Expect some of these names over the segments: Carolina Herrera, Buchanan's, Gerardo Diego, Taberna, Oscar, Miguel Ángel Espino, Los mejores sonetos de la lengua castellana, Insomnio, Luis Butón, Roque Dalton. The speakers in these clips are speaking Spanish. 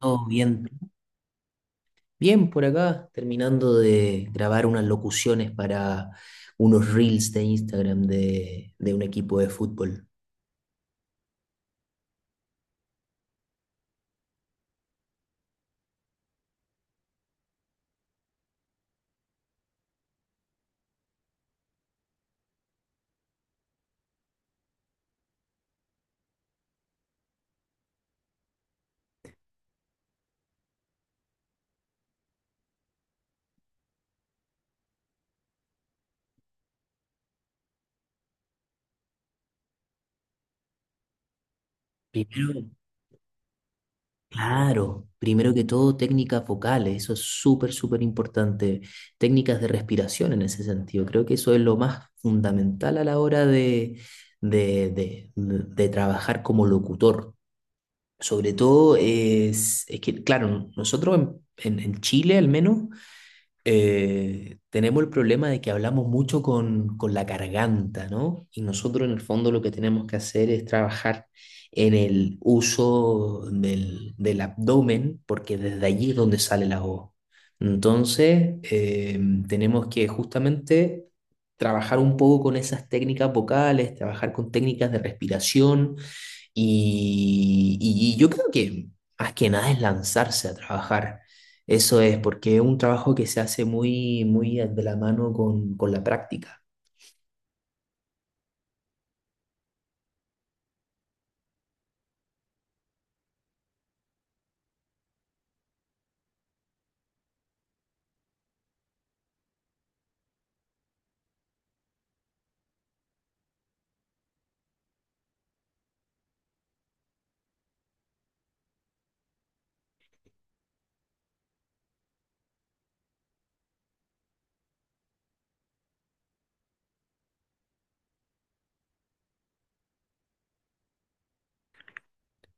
Todo bien, bien por acá, terminando de grabar unas locuciones para unos reels de Instagram de un equipo de fútbol. Primero, claro, primero que todo, técnicas vocales, eso es súper importante. Técnicas de respiración en ese sentido, creo que eso es lo más fundamental a la hora de trabajar como locutor. Sobre todo es que, claro, nosotros en Chile al menos. Tenemos el problema de que hablamos mucho con la garganta, ¿no? Y nosotros en el fondo lo que tenemos que hacer es trabajar en el uso del abdomen, porque desde allí es donde sale la voz. Entonces, tenemos que justamente trabajar un poco con esas técnicas vocales, trabajar con técnicas de respiración y yo creo que más que nada es lanzarse a trabajar. Eso es, porque es un trabajo que se hace muy de la mano con la práctica.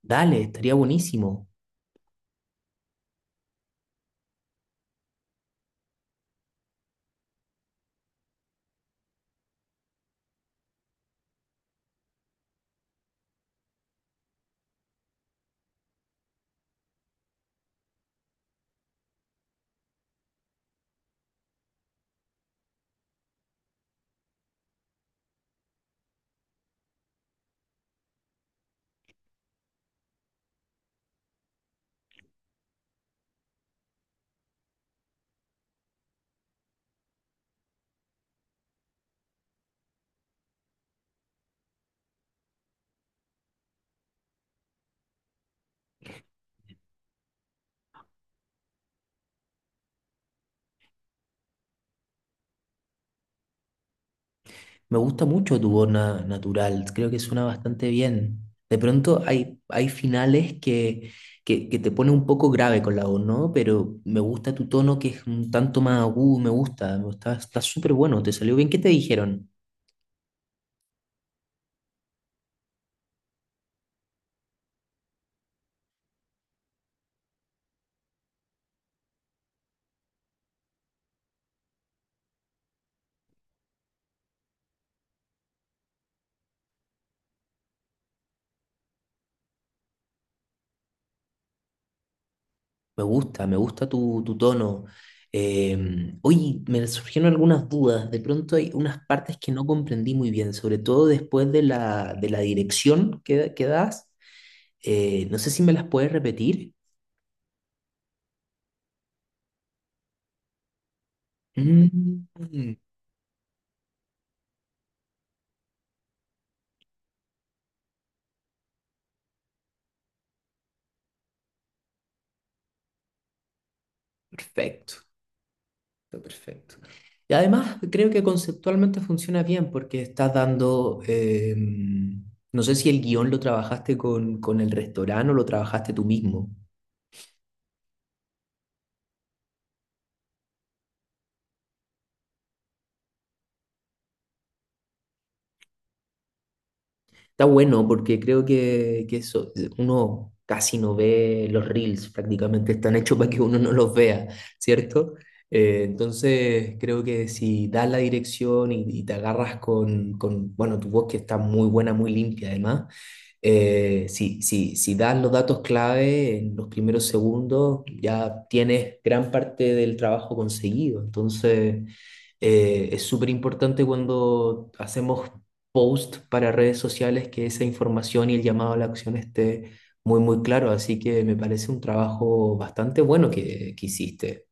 Dale, estaría buenísimo. Me gusta mucho tu voz natural, creo que suena bastante bien. De pronto hay finales que te pone un poco grave con la voz, ¿no? Pero me gusta tu tono que es un tanto más agudo, me gusta, está súper bueno, te salió bien. ¿Qué te dijeron? Me gusta tu tono. Oye, me surgieron algunas dudas. De pronto hay unas partes que no comprendí muy bien, sobre todo después de la dirección que das. No sé si me las puedes repetir. Mm, perfecto, está perfecto. Y además creo que conceptualmente funciona bien porque estás dando, no sé si el guión lo trabajaste con el restaurante o lo trabajaste tú mismo. Está bueno porque creo que eso, uno casi no ve los reels, prácticamente están hechos para que uno no los vea, ¿cierto? Entonces creo que si das la dirección y te agarras con, bueno, tu voz que está muy buena, muy limpia además, si das los datos clave en los primeros segundos, ya tienes gran parte del trabajo conseguido. Entonces, es súper importante cuando hacemos post para redes sociales que esa información y el llamado a la acción esté muy claro. Así que me parece un trabajo bastante bueno que hiciste.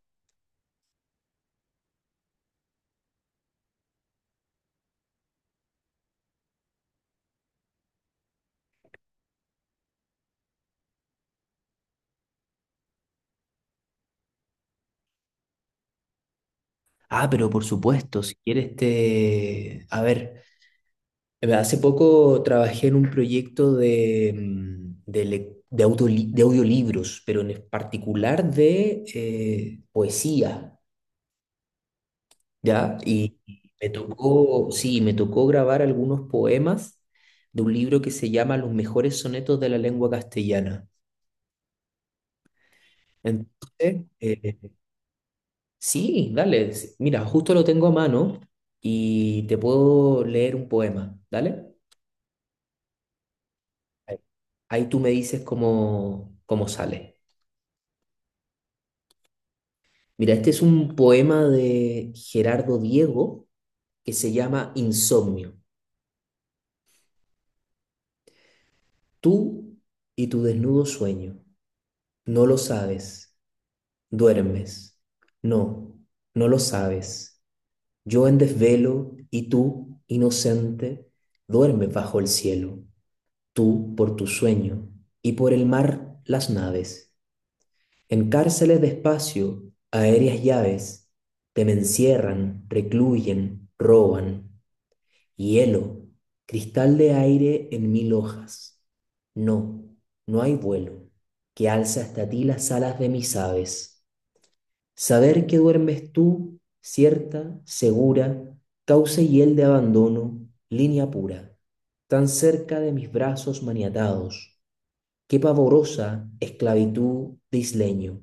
Ah, pero por supuesto, si quieres te... A ver. Hace poco trabajé en un proyecto de, de, de audiolibros, pero en particular de poesía, ¿ya? Y me tocó, sí, me tocó grabar algunos poemas de un libro que se llama Los mejores sonetos de la lengua castellana. Entonces, sí, dale, mira, justo lo tengo a mano y te puedo leer un poema, ¿dale? Ahí ahí tú me dices cómo, cómo sale. Mira, este es un poema de Gerardo Diego que se llama Insomnio. Tú y tu desnudo sueño. No lo sabes. Duermes. No, no lo sabes. Yo en desvelo y tú, inocente, duermes bajo el cielo. Tú por tu sueño y por el mar las naves. En cárceles de espacio, aéreas llaves, te me encierran, recluyen, roban. Hielo, cristal de aire en mil hojas. No, no hay vuelo que alza hasta ti las alas de mis aves. Saber que duermes tú, cierta, segura, cauce y hiel de abandono, línea pura, tan cerca de mis brazos maniatados. Qué pavorosa esclavitud de isleño.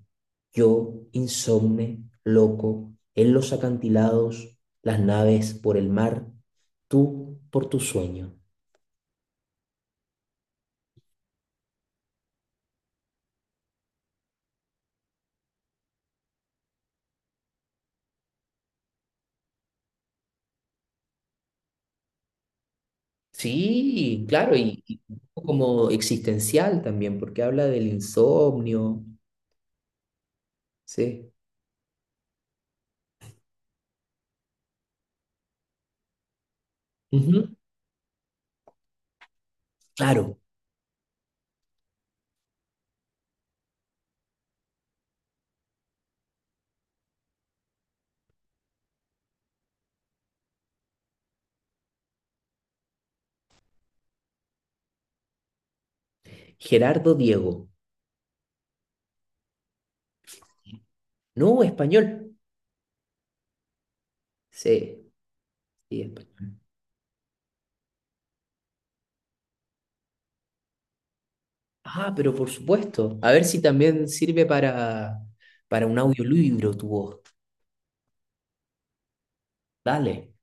Yo, insomne, loco, en los acantilados, las naves por el mar, tú por tu sueño. Sí, claro, y un poco como existencial también, porque habla del insomnio, sí. Ujú, claro, Gerardo Diego. No, español. Sí, sí, español. Ah, pero por supuesto. A ver si también sirve para un audiolibro tu voz. Dale,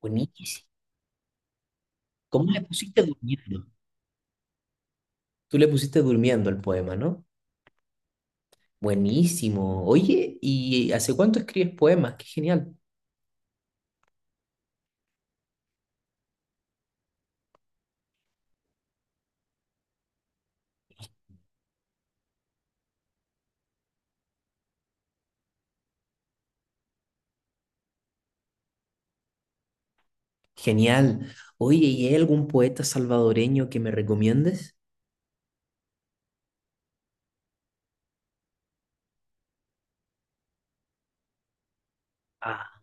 buenísimo. ¿Cómo le pusiste durmiendo? Tú le pusiste durmiendo el poema, ¿no? Buenísimo. Oye, ¿y hace cuánto escribes poemas? Qué genial. Genial. Oye, ¿y hay algún poeta salvadoreño que me recomiendes? Ah,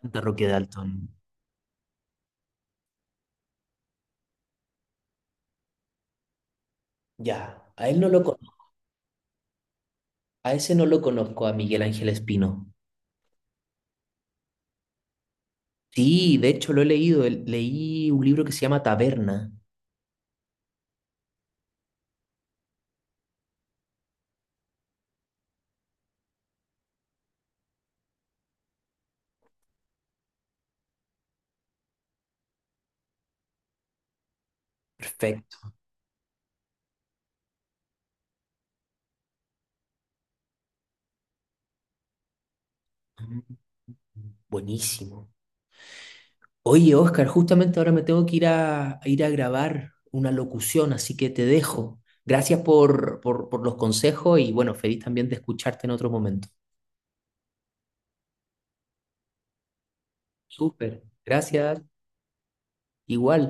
de Roque Dalton. Ya, a él no lo conozco, a ese no lo conozco, a Miguel Ángel Espino. Sí, de hecho lo he leído, leí un libro que se llama Taberna. Perfecto. Mm, buenísimo. Oye, Oscar, justamente ahora me tengo que ir a ir a grabar una locución, así que te dejo. Gracias por los consejos y bueno, feliz también de escucharte en otro momento. Súper, gracias. Igual.